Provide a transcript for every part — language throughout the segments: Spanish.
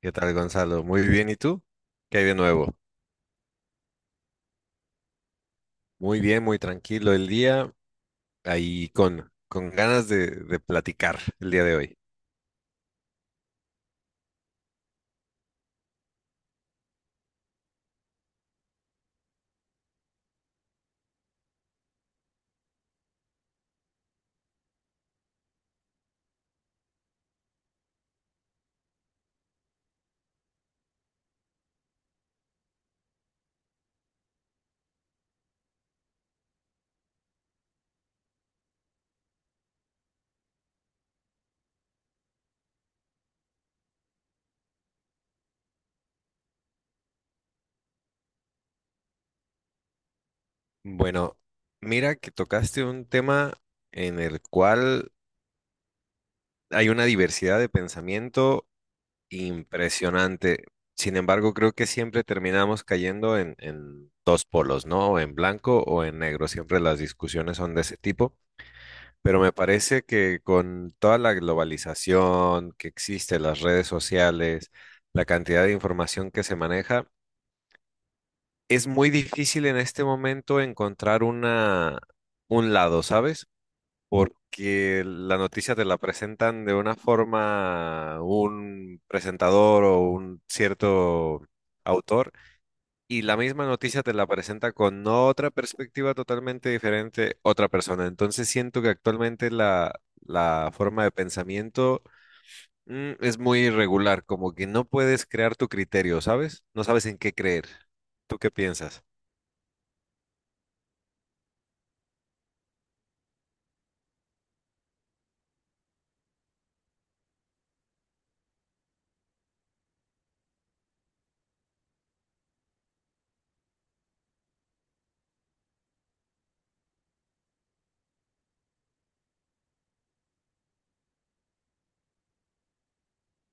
¿Qué tal, Gonzalo? Muy bien, ¿y tú? ¿Qué hay de nuevo? Muy bien, muy tranquilo el día, ahí con ganas de platicar el día de hoy. Bueno, mira que tocaste un tema en el cual hay una diversidad de pensamiento impresionante. Sin embargo, creo que siempre terminamos cayendo en dos polos, ¿no? O en blanco o en negro. Siempre las discusiones son de ese tipo. Pero me parece que con toda la globalización que existe, las redes sociales, la cantidad de información que se maneja, es muy difícil en este momento encontrar un lado, ¿sabes? Porque la noticia te la presentan de una forma un presentador o un cierto autor y la misma noticia te la presenta con otra perspectiva totalmente diferente otra persona. Entonces siento que actualmente la forma de pensamiento es muy irregular, como que no puedes crear tu criterio, ¿sabes? No sabes en qué creer. ¿Tú qué piensas?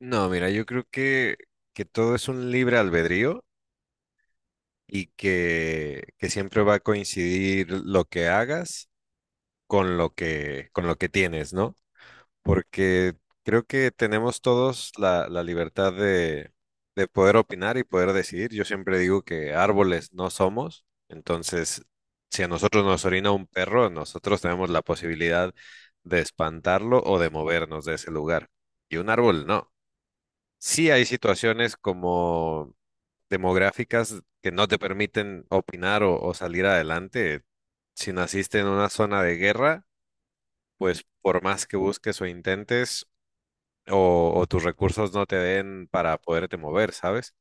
No, mira, que todo es un libre albedrío y que siempre va a coincidir lo que hagas con lo que tienes, ¿no? Porque creo que tenemos todos la libertad de poder opinar y poder decidir. Yo siempre digo que árboles no somos, entonces si a nosotros nos orina un perro, nosotros tenemos la posibilidad de espantarlo o de movernos de ese lugar. Y un árbol no. Sí hay situaciones como demográficas que no te permiten opinar o salir adelante. Si naciste en una zona de guerra, pues por más que busques o intentes, o tus recursos no te den para poderte mover, ¿sabes?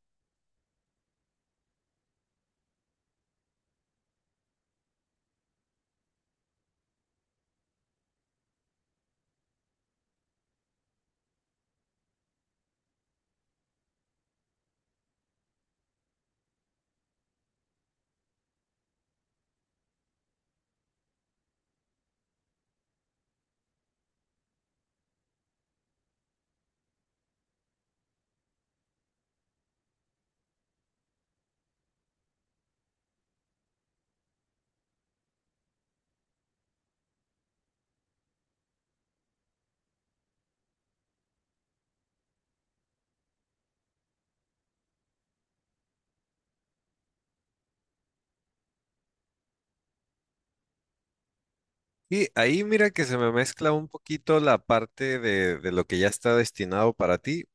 Y ahí mira que se me mezcla un poquito la parte de lo que ya está destinado para ti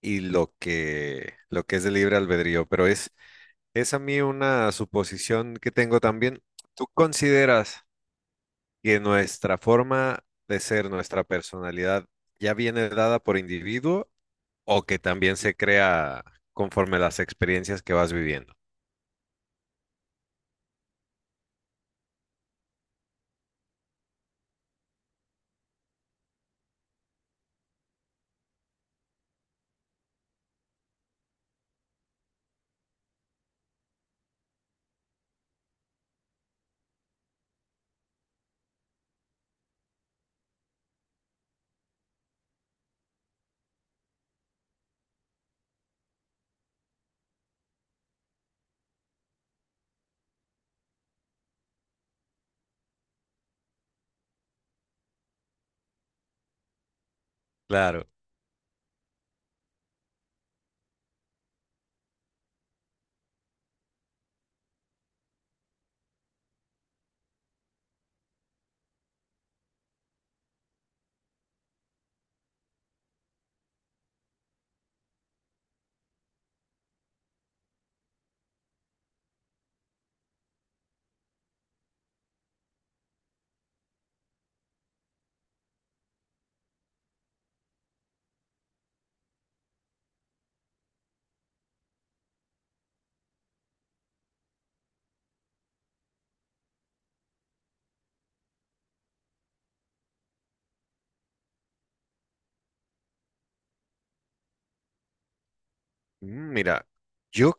y lo que es de libre albedrío, pero es a mí una suposición que tengo también. ¿Tú consideras que nuestra forma de ser, nuestra personalidad, ya viene dada por individuo o que también se crea conforme las experiencias que vas viviendo? Claro. Mm, Mira, yo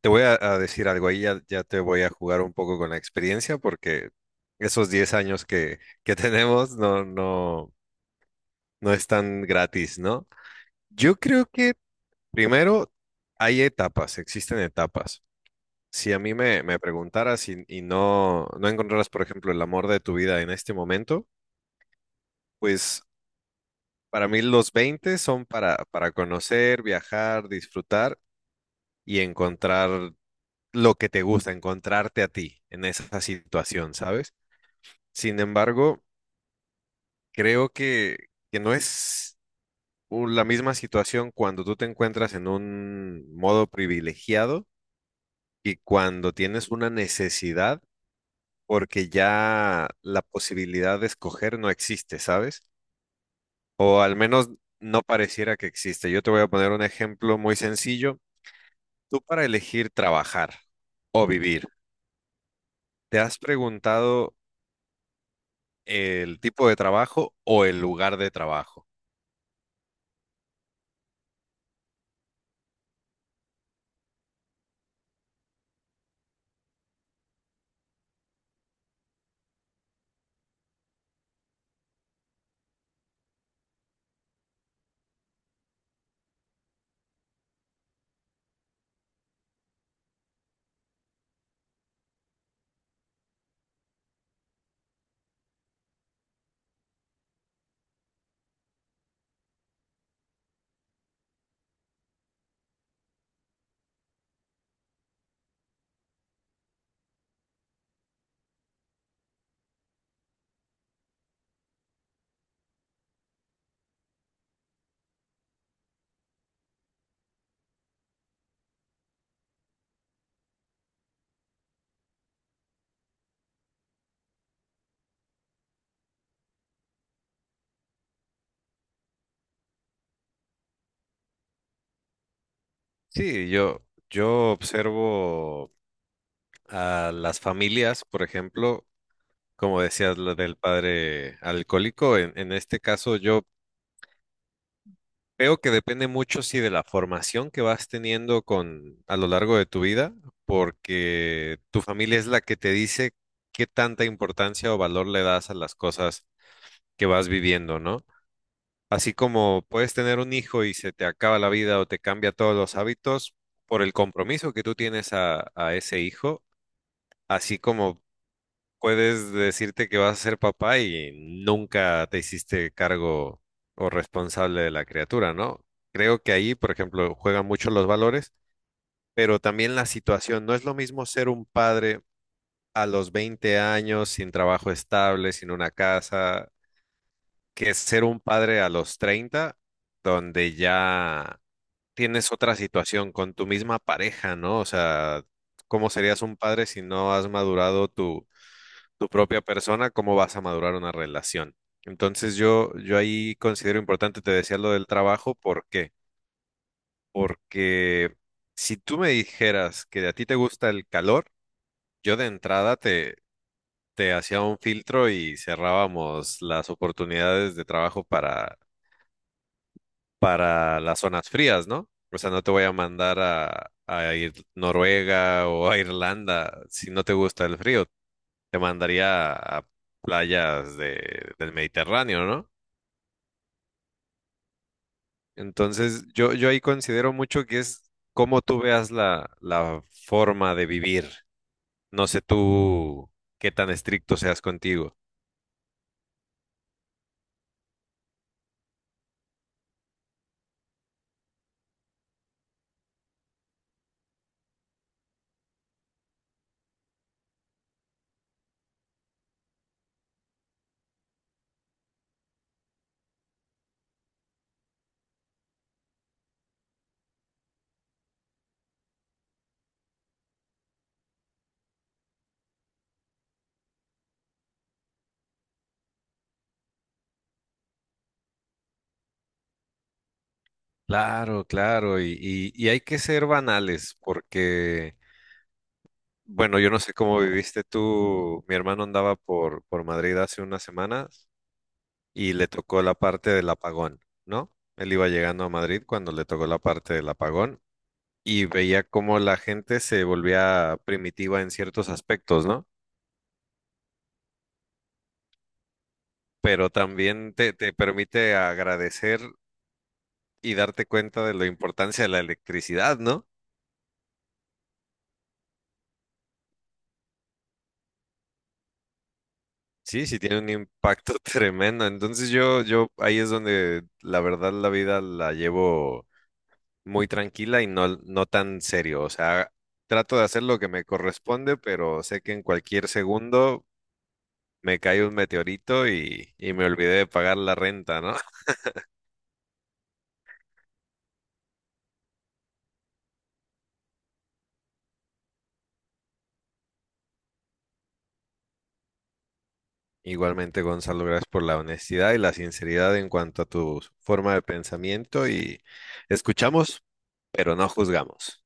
te voy a decir algo ahí, ya te voy a jugar un poco con la experiencia porque esos 10 años que tenemos no están gratis, ¿no? Yo creo que primero hay etapas, existen etapas. Si a mí me preguntaras y no encontraras, por ejemplo, el amor de tu vida en este momento, pues para mí los 20 son para conocer, viajar, disfrutar y encontrar lo que te gusta, encontrarte a ti en esa situación, ¿sabes? Sin embargo, creo que no es la misma situación cuando tú te encuentras en un modo privilegiado y cuando tienes una necesidad porque ya la posibilidad de escoger no existe, ¿sabes? O al menos no pareciera que existe. Yo te voy a poner un ejemplo muy sencillo. Tú para elegir trabajar o vivir, ¿te has preguntado el tipo de trabajo o el lugar de trabajo? Sí, yo observo a las familias, por ejemplo, como decías, lo del padre alcohólico. En este caso, yo creo que depende mucho, sí, de la formación que vas teniendo con a lo largo de tu vida, porque tu familia es la que te dice qué tanta importancia o valor le das a las cosas que vas viviendo, ¿no? Así como puedes tener un hijo y se te acaba la vida o te cambia todos los hábitos por el compromiso que tú tienes a ese hijo, así como puedes decirte que vas a ser papá y nunca te hiciste cargo o responsable de la criatura, ¿no? Creo que ahí, por ejemplo, juegan mucho los valores, pero también la situación. No es lo mismo ser un padre a los 20 años, sin trabajo estable, sin una casa, que ser un padre a los 30, donde ya tienes otra situación con tu misma pareja, ¿no? O sea, ¿cómo serías un padre si no has madurado tu tu propia persona, cómo vas a madurar una relación? Entonces yo ahí considero importante, te decía lo del trabajo, ¿por qué? Porque si tú me dijeras que a ti te gusta el calor, yo de entrada te hacía un filtro y cerrábamos las oportunidades de trabajo para las zonas frías, ¿no? O sea, no te voy a mandar a ir Noruega o a Irlanda si no te gusta el frío. Te mandaría a playas del Mediterráneo, ¿no? Entonces, yo ahí considero mucho que es cómo tú veas la forma de vivir. No sé tú qué tan estricto seas contigo. Claro, claro, y hay que ser banales porque, bueno, yo no sé cómo viviste tú. Mi hermano andaba por Madrid hace unas semanas y le tocó la parte del apagón, ¿no? Él iba llegando a Madrid cuando le tocó la parte del apagón y veía cómo la gente se volvía primitiva en ciertos aspectos, ¿no? Pero también te permite agradecer y darte cuenta de la importancia de la electricidad, ¿no? Sí, sí tiene un impacto tremendo. Entonces yo ahí es donde la verdad la vida la llevo muy tranquila y no tan serio. O sea, trato de hacer lo que me corresponde, pero sé que en cualquier segundo me cae un meteorito y me olvidé de pagar la renta, ¿no? Igualmente, Gonzalo, gracias por la honestidad y la sinceridad en cuanto a tu forma de pensamiento y escuchamos, pero no juzgamos.